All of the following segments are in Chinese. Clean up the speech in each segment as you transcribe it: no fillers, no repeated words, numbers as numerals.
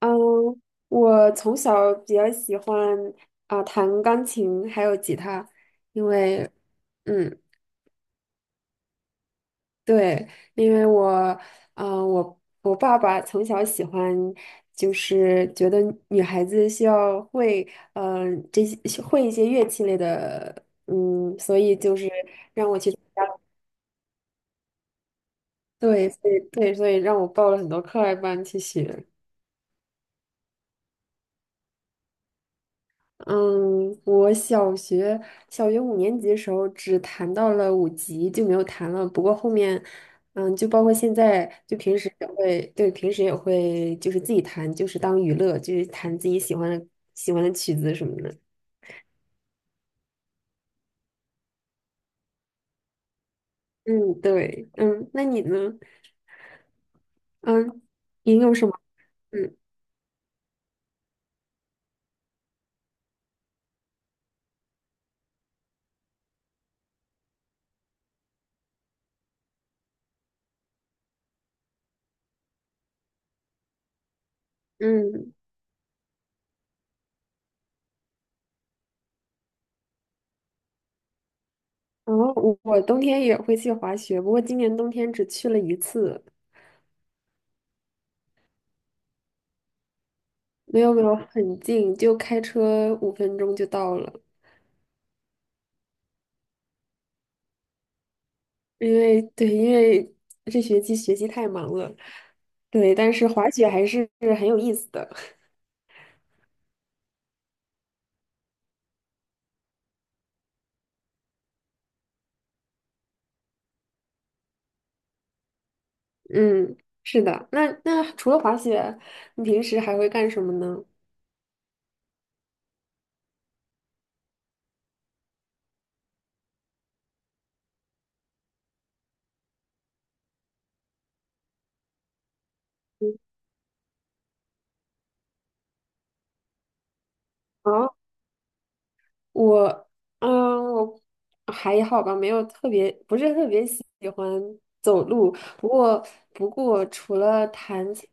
嗯，我从小比较喜欢啊、弹钢琴还有吉他，因为嗯对，因为我我爸爸从小喜欢，就是觉得女孩子需要会这些会一些乐器类的，嗯，所以就是让我去，对，所以对，所以让我报了很多课外班去学。嗯，我小学5年级的时候只弹到了5级，就没有弹了。不过后面，嗯，就包括现在，就平时也会，对，平时也会就是自己弹，就是当娱乐，就是弹自己喜欢的曲子什么的。嗯，对，嗯，那你呢？嗯，你有什么？嗯嗯，然后我冬天也会去滑雪，不过今年冬天只去了一次。没有没有很近，就开车5分钟就到了。因为对，因为这学期学习太忙了，对，但是滑雪还是很有意思的。嗯，是的。那那除了滑雪，你平时还会干什么呢？啊，我，我还好吧，没有特别，不是特别喜欢走路。不过，不过除了弹琴，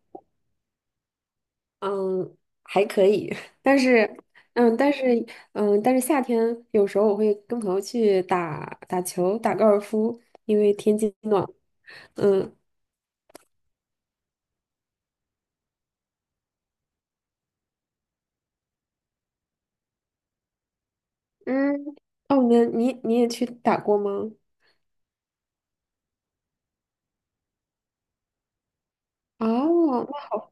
嗯，还可以，但是，嗯，但是，嗯，但是夏天有时候我会跟朋友去打打球、打高尔夫，因为天气暖。嗯。嗯，哦，你也去打过吗？哦，那好。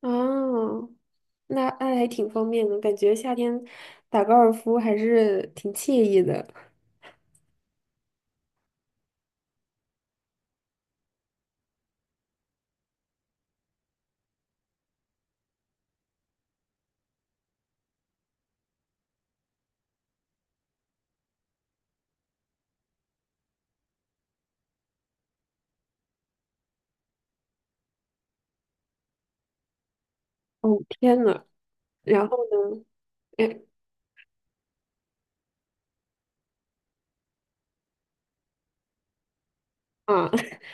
哦，那那还挺方便的，感觉夏天打高尔夫还是挺惬意的。哦，天呐，然后呢？哎。啊，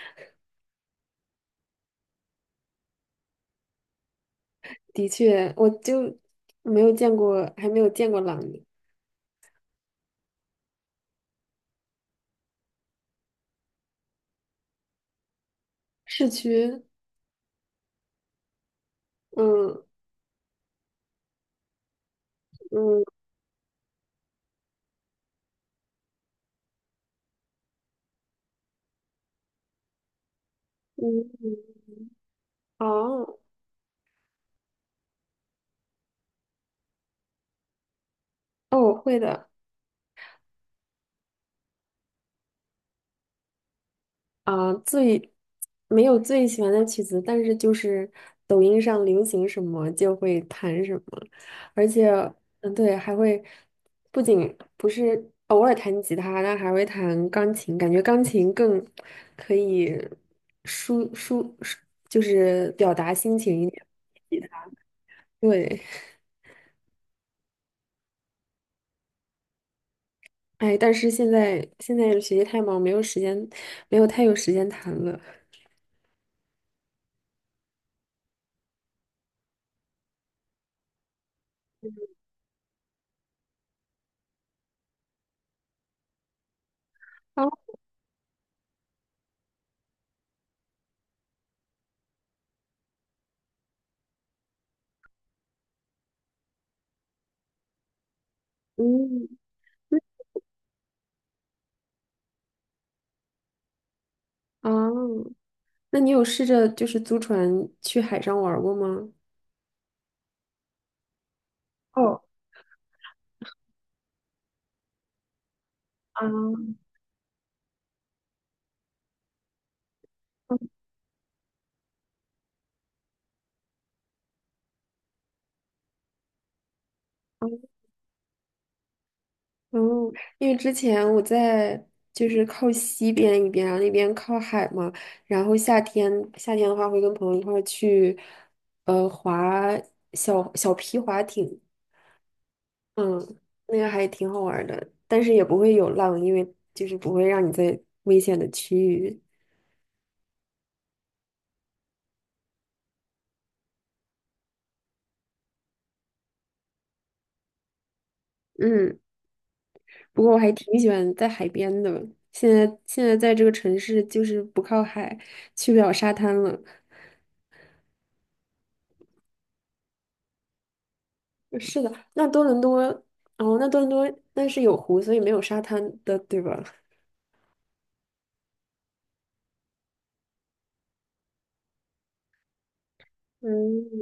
的确，我就没有见过，还没有见过狼。市区。嗯。嗯。嗯。嗯，哦。哦，我会的。啊，没有最喜欢的曲子，但是就是抖音上流行什么就会弹什么，而且对，还会不仅不是偶尔弹吉他，但还会弹钢琴，感觉钢琴更可以抒抒抒，就是表达心情一点。对。哎，但是现在学习太忙，没有时间，没有太有时间谈了。哦。嗯。哦，那你有试着就是租船去海上玩儿过吗？哦。啊。哦。哦，因为之前我在就是靠西边一边啊，然后那边靠海嘛，然后夏天的话会跟朋友一块儿去，划小小皮划艇，嗯，那个还挺好玩儿的，但是也不会有浪，因为就是不会让你在危险的区域。嗯，不过我还挺喜欢在海边的。现在在这个城市就是不靠海，去不了沙滩了。是的，那多伦多，哦，那多伦多那是有湖，所以没有沙滩的，对吧？嗯，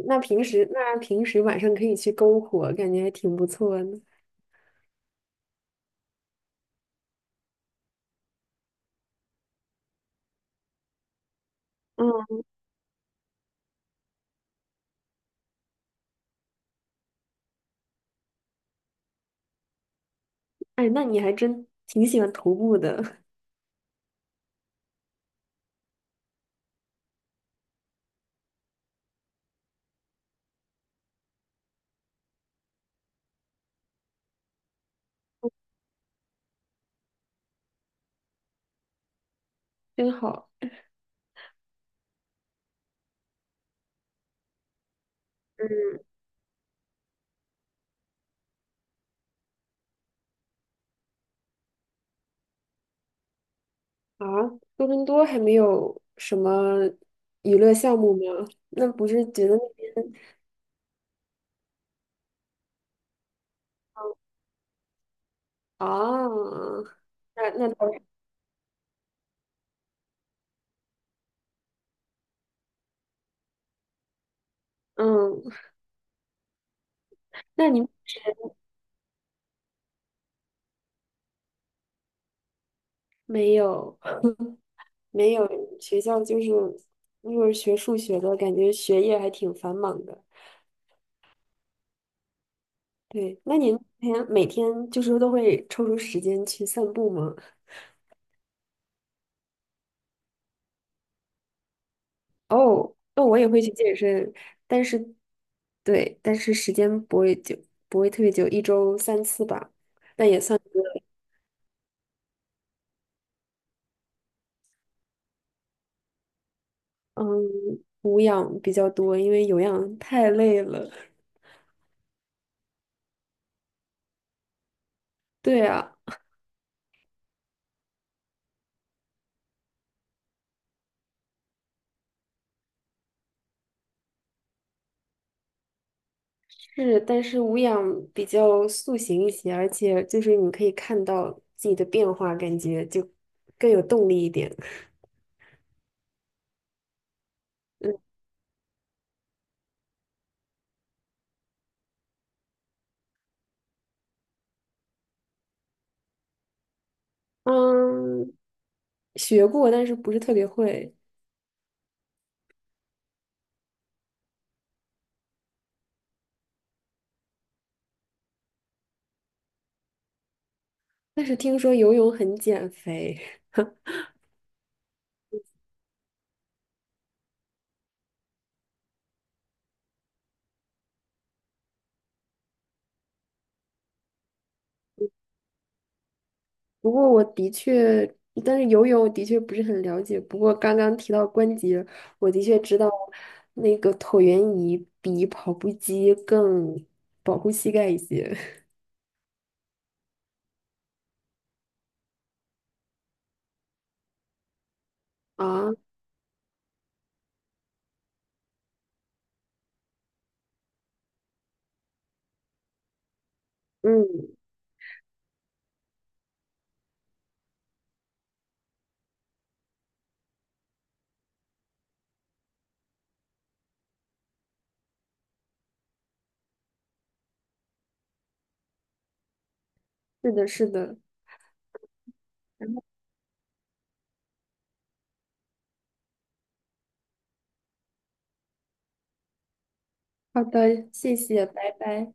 那平时那平时晚上可以去篝火，感觉还挺不错的。嗯。哎，那你还真挺喜欢徒步的，真好。嗯。啊，多伦多还没有什么娱乐项目吗？那不是觉得那边啊，那倒是，嗯，那您没有没有学校就是，如果是学数学的，感觉学业还挺繁忙的。对，那您每天就是都会抽出时间去散步吗？哦，那我也会去健身，但是对，但是时间不会久，不会特别久，一周3次吧。但也算。嗯，无氧比较多，因为有氧太累了。对啊，是，但是无氧比较塑形一些，而且就是你可以看到自己的变化，感觉就更有动力一点。嗯，学过，但是不是特别会。但是听说游泳很减肥。不过我的确，但是游泳我的确不是很了解。不过刚刚提到关节，我的确知道那个椭圆仪比跑步机更保护膝盖一些。啊，嗯，是的，是的。好的，谢谢，拜拜。